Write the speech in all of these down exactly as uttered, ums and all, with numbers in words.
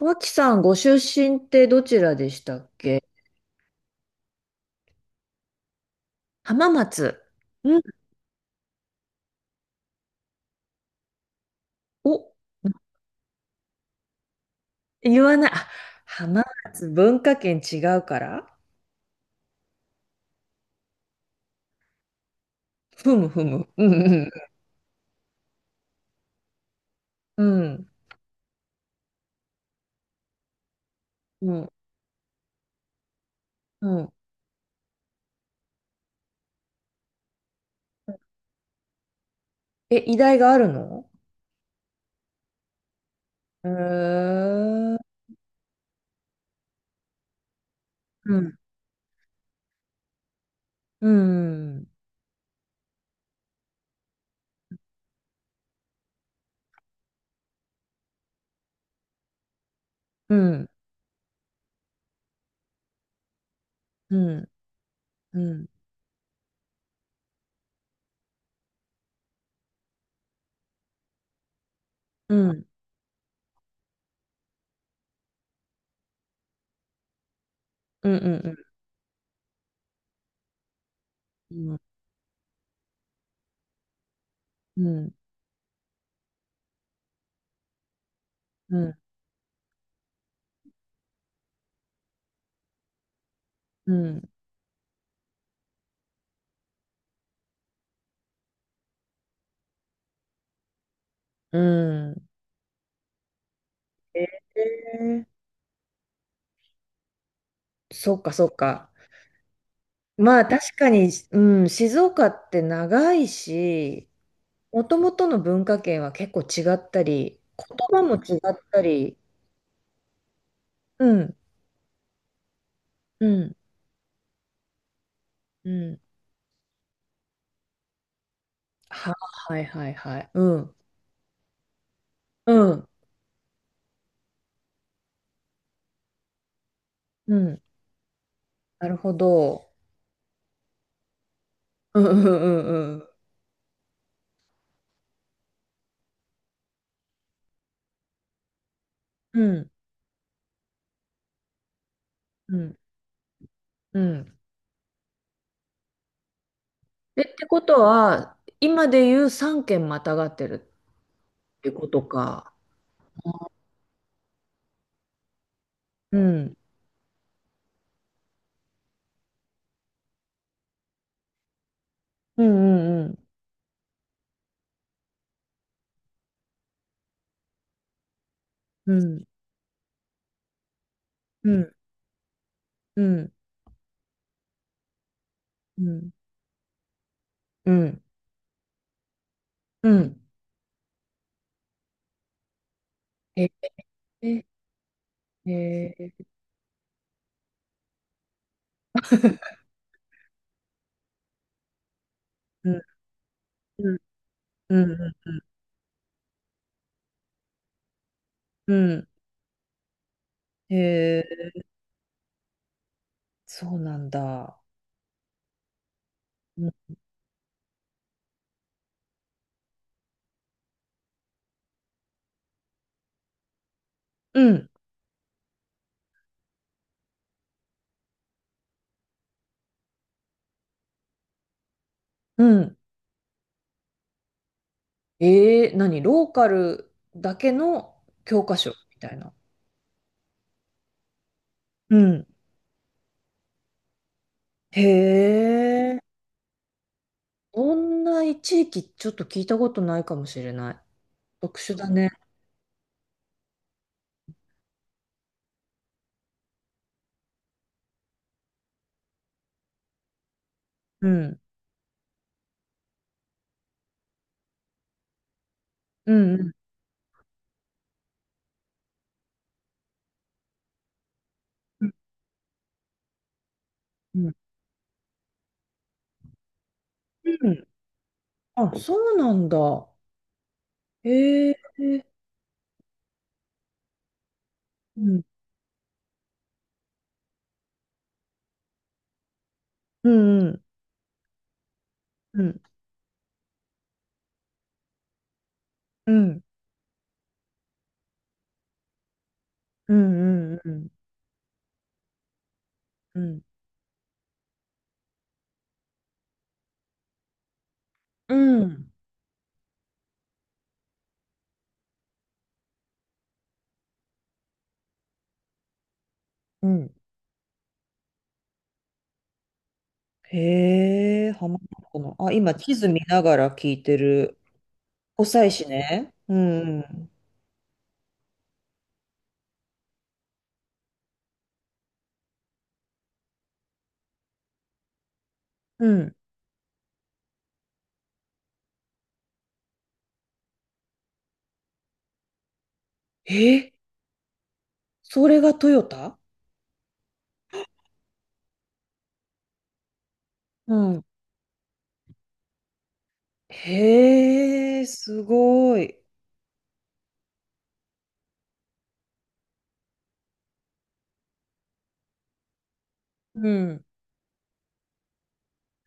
脇さん、ご出身ってどちらでしたっけ？浜松。うん、お、言わない。あ、浜松、文化圏違うから。ふむふむ。うん。うん。うん。うん。うん。え、医大があるの？へー。うん。うん。うん。うん。うん。うん。うん。うん。うん。うん。うん。うん。うん。えー、そっかそっか。まあ確かに、うん、静岡って長いし、もともとの文化圏は結構違ったり、言葉も違ったり、うん、うん、うん。は、はいはいはい。うん、うん、うん。なるほど。うんうんうんうん。うん、うん、うん。え、ってことは、今で言うさん県またがってるってことか。うん、うん、うん、うん、うん、うん、うん、うん、うん。うん。ええ。へえ。うん、うん、うん、うん、うん。うん。へえ、そうなんだ。うん、うん。うん。ええ、何ローカルだけの教科書みたいな。うん。へえ、そんな地域ちょっと聞いたことないかもしれない。特殊だね。うん。うん、うん、うん、うん。うん。あ、そうなんだ。へえ、うん、うん、うん、うん、うん、うん、うん、うん、うん。うんうんうん。へえ、ハマったのかな。あ、今、地図見ながら聞いてる。湖西市ね。うん。うん。え、それがトヨタ。うん。へえ、すごい。うん。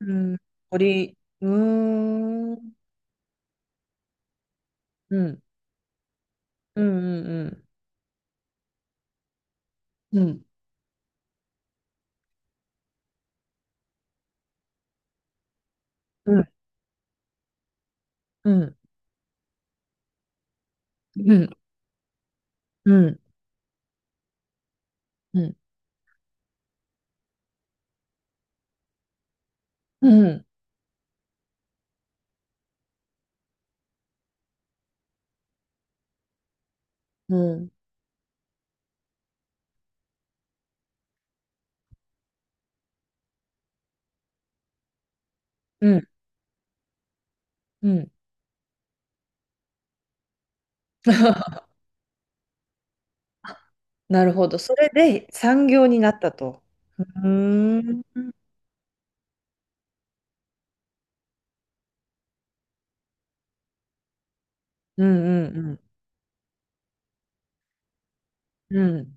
うん。鳥、うーん。うん、うん。うんうん、うん。うん。うん。うん。うん。うん。うん、うん。うん。うん。なるほど。それで産業になったと。うーん。うん、うん、うん。うん。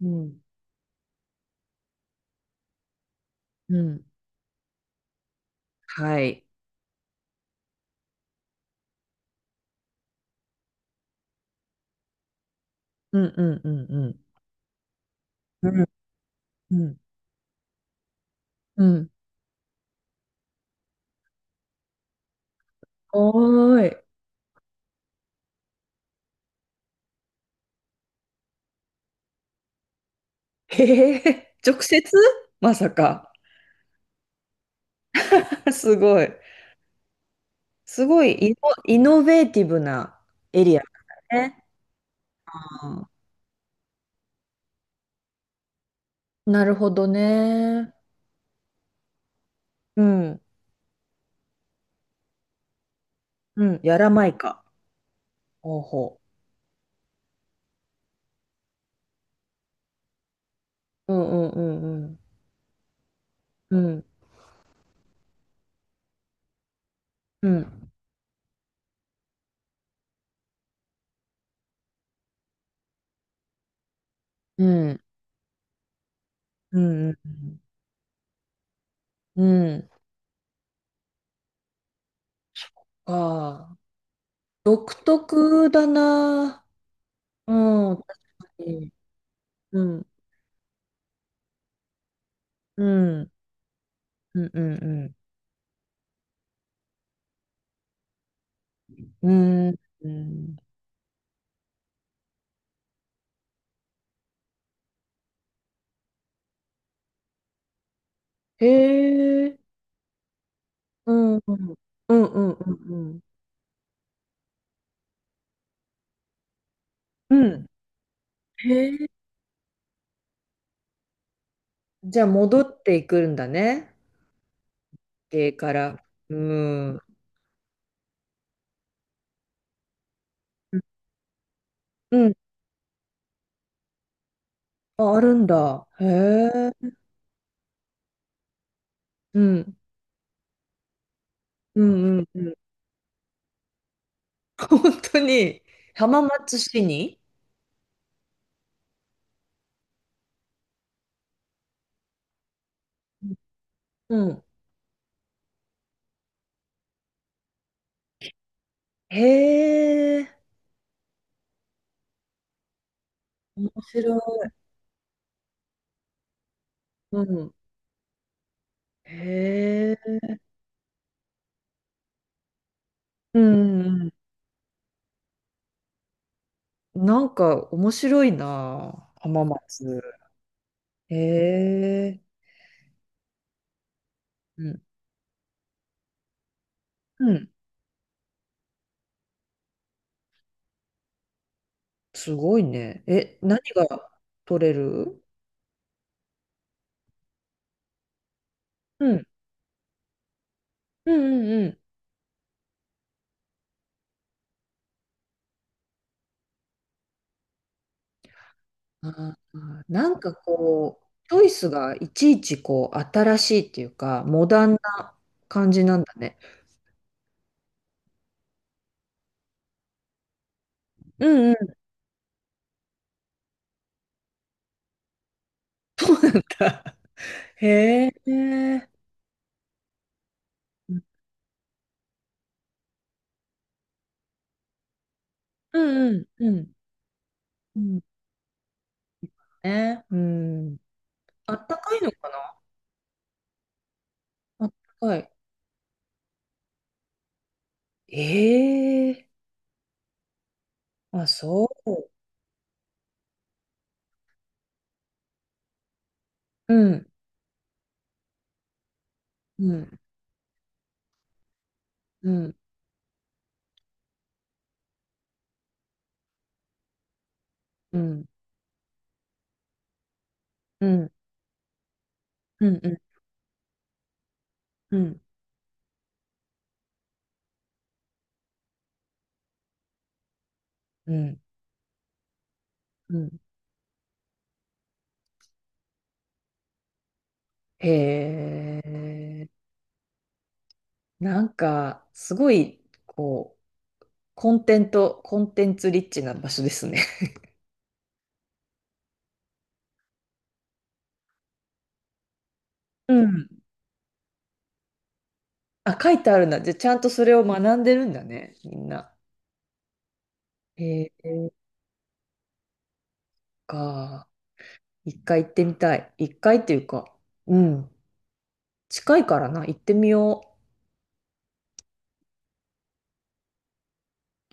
うん。うん。はい。うんうんうんうん。うんうんうん。おーい。へえ、直接。まさか。すごい。すごいイノ、イノベーティブなエリアだね。あー、なるほどね。うん。うん、やらないか。ほうほう。うんうんうんうん。うん。うん。うんうんうん。うん。ああ。独特だな。うん。確かに。うん、うん、うん、うん、うん。うん、うん。へえ、うん、うん、うん、うん、うん。うん。うん。へえ、じゃあ戻っていくんだね。家から。うん。うん、あ、あるんだ。へえ。うん、うん、うん、うん。本当に。浜松市に？うん、へえ。面白い。うん、へえ。うん。うんうん。なんか面白いな。あ、浜松。へえ、うん。うん、すごいね。え、何が取れる？うん。うんうんうん。あー、なんかこう、チョイスがいちいちこう、新しいっていうか、モダンな感じなんだね。うんうん。なんか。へえ、うんうんうん。うん。ね、うん。あったかいのかな。あったかい。ええ。あ、そう。うん。うん、うん、うん、うん、うん、うん、うん、うん、うん。へえ、なんか、すごい、こう、コンテント、コンテンツリッチな場所ですね。うん。あ、書いてあるんだ。じゃあ、ちゃんとそれを学んでるんだね、みんな。へえ、か。一回行ってみたい。一回っていうか、うん。近いからな、行ってみよう。